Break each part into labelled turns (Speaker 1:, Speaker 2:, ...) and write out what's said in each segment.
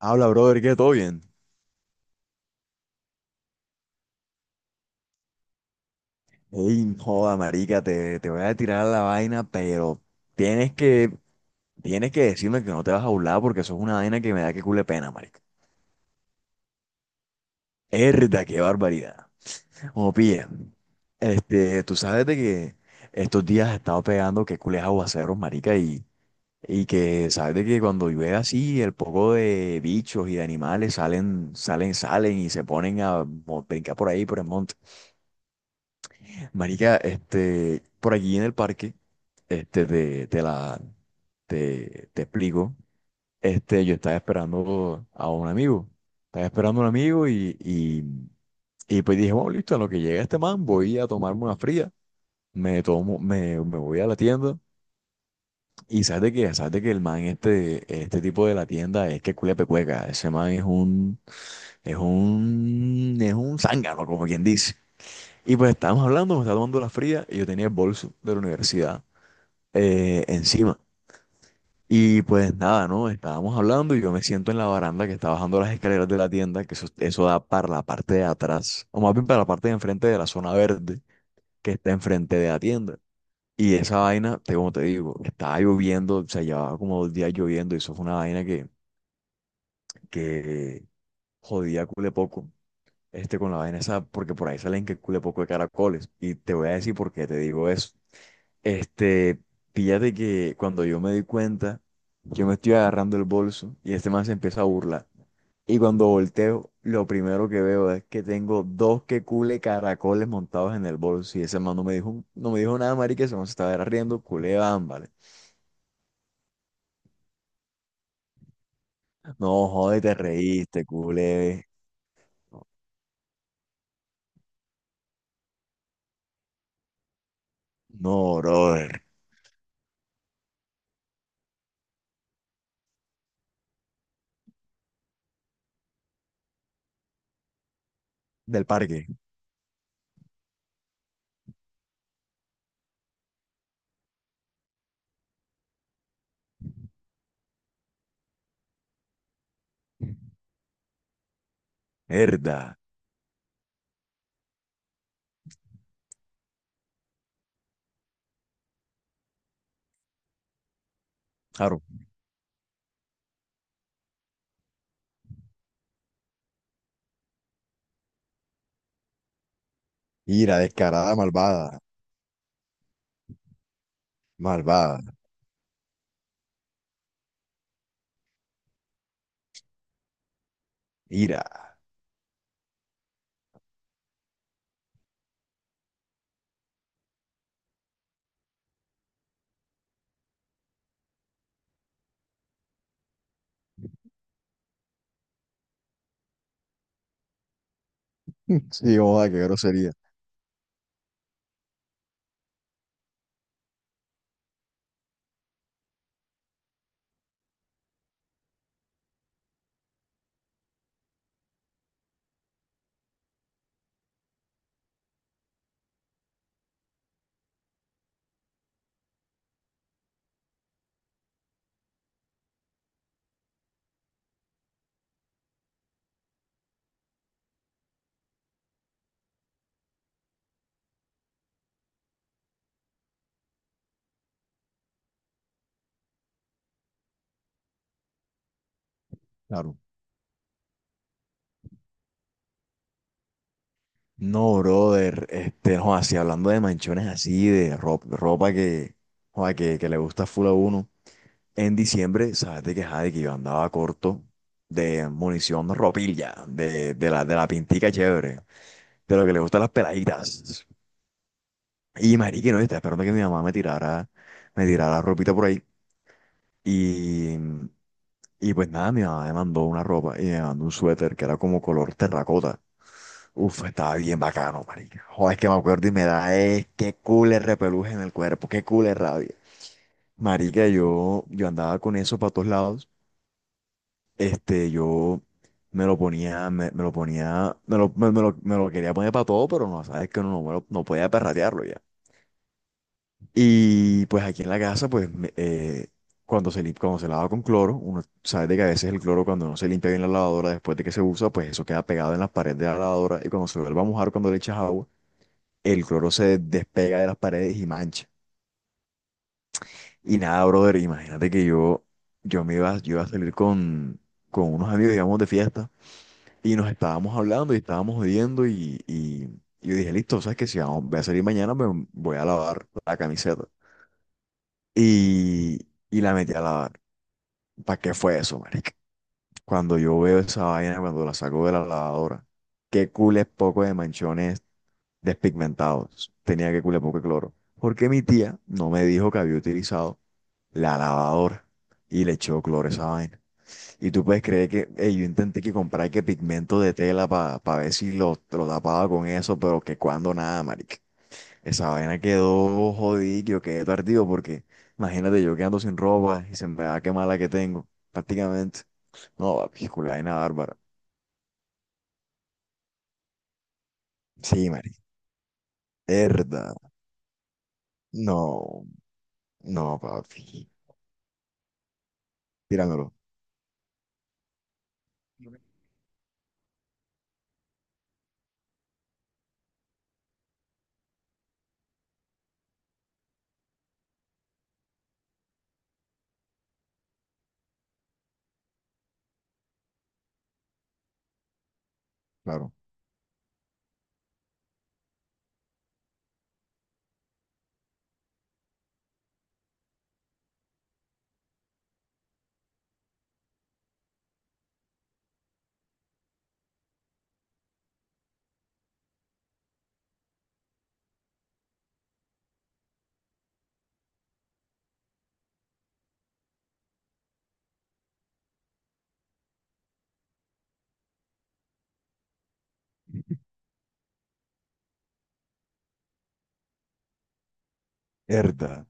Speaker 1: Habla, brother, ¿qué? ¿Todo bien? Ey, joda, marica, te voy a tirar la vaina, pero tienes que decirme que no te vas a burlar porque eso es una vaina que me da que cule pena, marica. Erda, qué barbaridad. Como pilla, tú sabes de que estos días he estado pegando que cules aguaceros, marica, y que sabes de que cuando llueve así, el poco de bichos y de animales salen y se ponen a brincar por ahí, por el monte. Marica, por allí en el parque, este, de, de la, te explico, yo estaba esperando a un amigo, estaba esperando a un amigo y pues dije, bueno, listo, en lo que llega este man, voy a tomarme una fría, me voy a la tienda y sabes de qué, sabes de que el man, este tipo de la tienda es que culia pecueca, ese man es un zángano, como quien dice. Y pues estábamos hablando, me estaba tomando la fría y yo tenía el bolso de la universidad, encima. Y pues nada, ¿no? Estábamos hablando y yo me siento en la baranda que está bajando las escaleras de la tienda, que eso da para la parte de atrás, o más bien para la parte de enfrente de la zona verde que está enfrente de la tienda. Y esa vaina, como te digo, estaba lloviendo, o sea, llevaba como dos días lloviendo y eso fue una vaina que jodía cule poco. Este con la vaina esa, porque por ahí salen que cule poco de caracoles. Y te voy a decir por qué te digo eso. Este, Fíjate que cuando yo me di cuenta, yo me estoy agarrando el bolso y este man se empieza a burlar. Y cuando volteo, lo primero que veo es que tengo dos que cule caracoles montados en el bolso. Y ese man no me dijo, no me dijo nada, marica, ese man se estaba riendo, culé, ámbale. No, joder, te reíste, culé. No, brother. Del parque. Herda. Claro. Ira, descarada, malvada. Malvada. Ira. Sí, joda, qué grosería. Claro. No, brother, este, no, así hablando de manchones así, de ropa, ropa joda, que le gusta full a uno. En diciembre, sabes de que, ajá, de que yo andaba corto de munición ropilla, de la pintica chévere, de lo que le gustan las peladitas. Y marica, no, estaba esperando que mi mamá me me tirara ropita por ahí. Y, y pues nada, mi mamá me mandó una ropa y me mandó un suéter que era como color terracota. Uf, estaba bien bacano, marica. Joder, es que me acuerdo y me da, es qué cool el repeluje en el cuerpo, qué cool es rabia. Marica, yo andaba con eso para todos lados. Yo me lo ponía, me lo quería poner para todo, pero no, sabes que uno no, no podía perratearlo ya. Y pues aquí en la casa, pues, cuando se lava con cloro, uno sabe de que a veces el cloro cuando no se limpia bien la lavadora después de que se usa, pues eso queda pegado en las paredes de la lavadora y cuando se vuelve a mojar cuando le echas agua el cloro se despega de las paredes y mancha. Y nada, brother, imagínate que yo me iba, yo iba a salir con unos amigos, digamos, de fiesta, y nos estábamos hablando y estábamos y yo dije, listo, sabes que si voy a salir mañana, me voy a lavar la camiseta. Y, y la metí a lavar. ¿Para qué fue eso, marica? Cuando yo veo esa vaina, cuando la saco de la lavadora, qué cules poco de manchones despigmentados. Tenía que culiar poco de cloro. Porque mi tía no me dijo que había utilizado la lavadora y le echó cloro a esa vaina. Y tú puedes creer que ey, yo intenté que comprar que pigmento de tela para ver si lo tapaba con eso, pero que cuando nada, marica. Esa vaina quedó jodido, yo quedé tardío porque imagínate yo quedando sin ropa y se me va a quemar la que tengo, prácticamente. No, papi, culo, vaina bárbara. Sí, marica. Herda. No, no, papi. Tíramelo. Claro. Herda,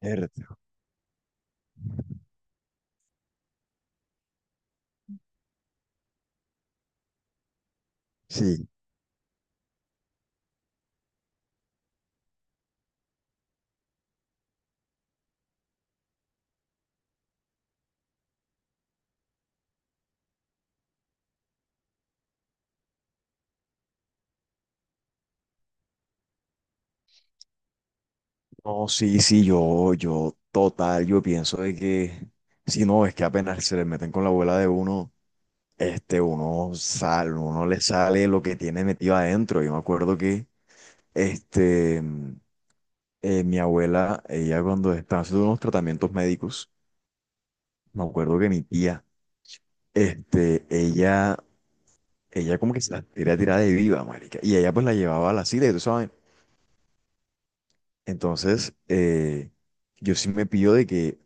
Speaker 1: herda. Sí. No, sí, sí, yo pienso de que, si no, es que apenas se le meten con la abuela de uno, uno sale, uno le sale lo que tiene metido adentro. Yo me acuerdo que, este, mi abuela, ella cuando estaba haciendo unos tratamientos médicos, me acuerdo que mi tía, este, ella, ella como que se la quería tirar de viva, marica, y ella pues la llevaba a la silla, y tú sabes. Entonces, yo sí me pido de que,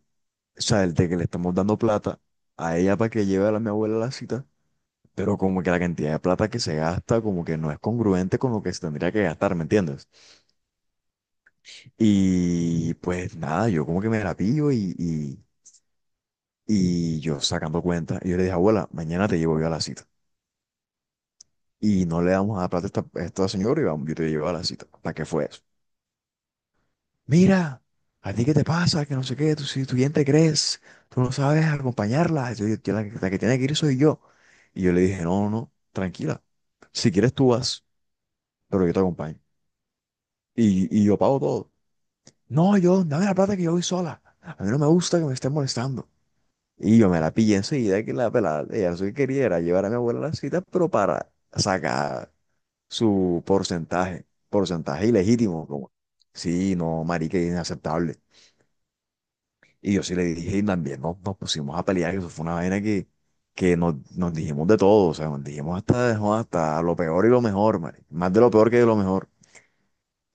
Speaker 1: o sea, el de que le estamos dando plata a ella para que lleve a mi abuela a la cita, pero como que la cantidad de plata que se gasta como que no es congruente con lo que se tendría que gastar, ¿me entiendes? Y pues nada, yo como que me la pillo y yo sacando cuenta, y yo le dije, abuela, mañana te llevo yo a la cita. Y no le damos a plata a a esta señora y vamos, yo te llevo a la cita. ¿Para qué fue eso? Mira, ¿a ti qué te pasa? Que no sé qué, tú, si tú bien te crees, tú no sabes acompañarla, la que tiene que ir soy yo. Y yo le dije, no, no, no, tranquila, si quieres tú vas, pero yo te acompaño. Y yo pago todo. No, yo, dame la plata que yo voy sola, a mí no me gusta que me estén molestando. Y yo me la pillé enseguida que la pelada, ella lo que quería era llevar a mi abuela a la cita, pero para sacar su porcentaje, porcentaje ilegítimo, como, sí, no, marica, es inaceptable. Y yo sí le dije, y también nos pusimos a pelear, que eso fue una vaina que nos dijimos de todo, o sea, nos dijimos hasta, no, hasta lo peor y lo mejor, marica, más de lo peor que de lo mejor.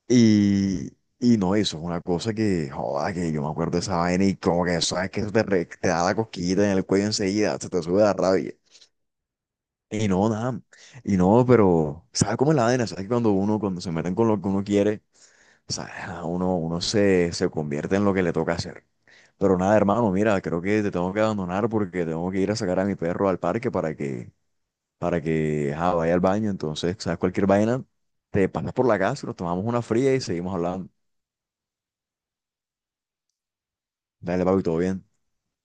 Speaker 1: Y, no, eso es una cosa que, joda, que yo me acuerdo de esa vaina y como que, sabes, que eso te da la cosquillita en el cuello enseguida, se te sube la rabia. Y no, nada, y no, pero, ¿sabes cómo es la vaina? ¿Sabes que cuando uno, cuando se meten con lo que uno quiere, ¿sabes? Uno se, se convierte en lo que le toca hacer. Pero nada, hermano, mira, creo que te tengo que abandonar porque tengo que ir a sacar a mi perro al parque para para que ajá, vaya al baño. Entonces, sabes, cualquier vaina, te pasas por la casa, nos tomamos una fría y seguimos hablando. Dale, papi, todo bien.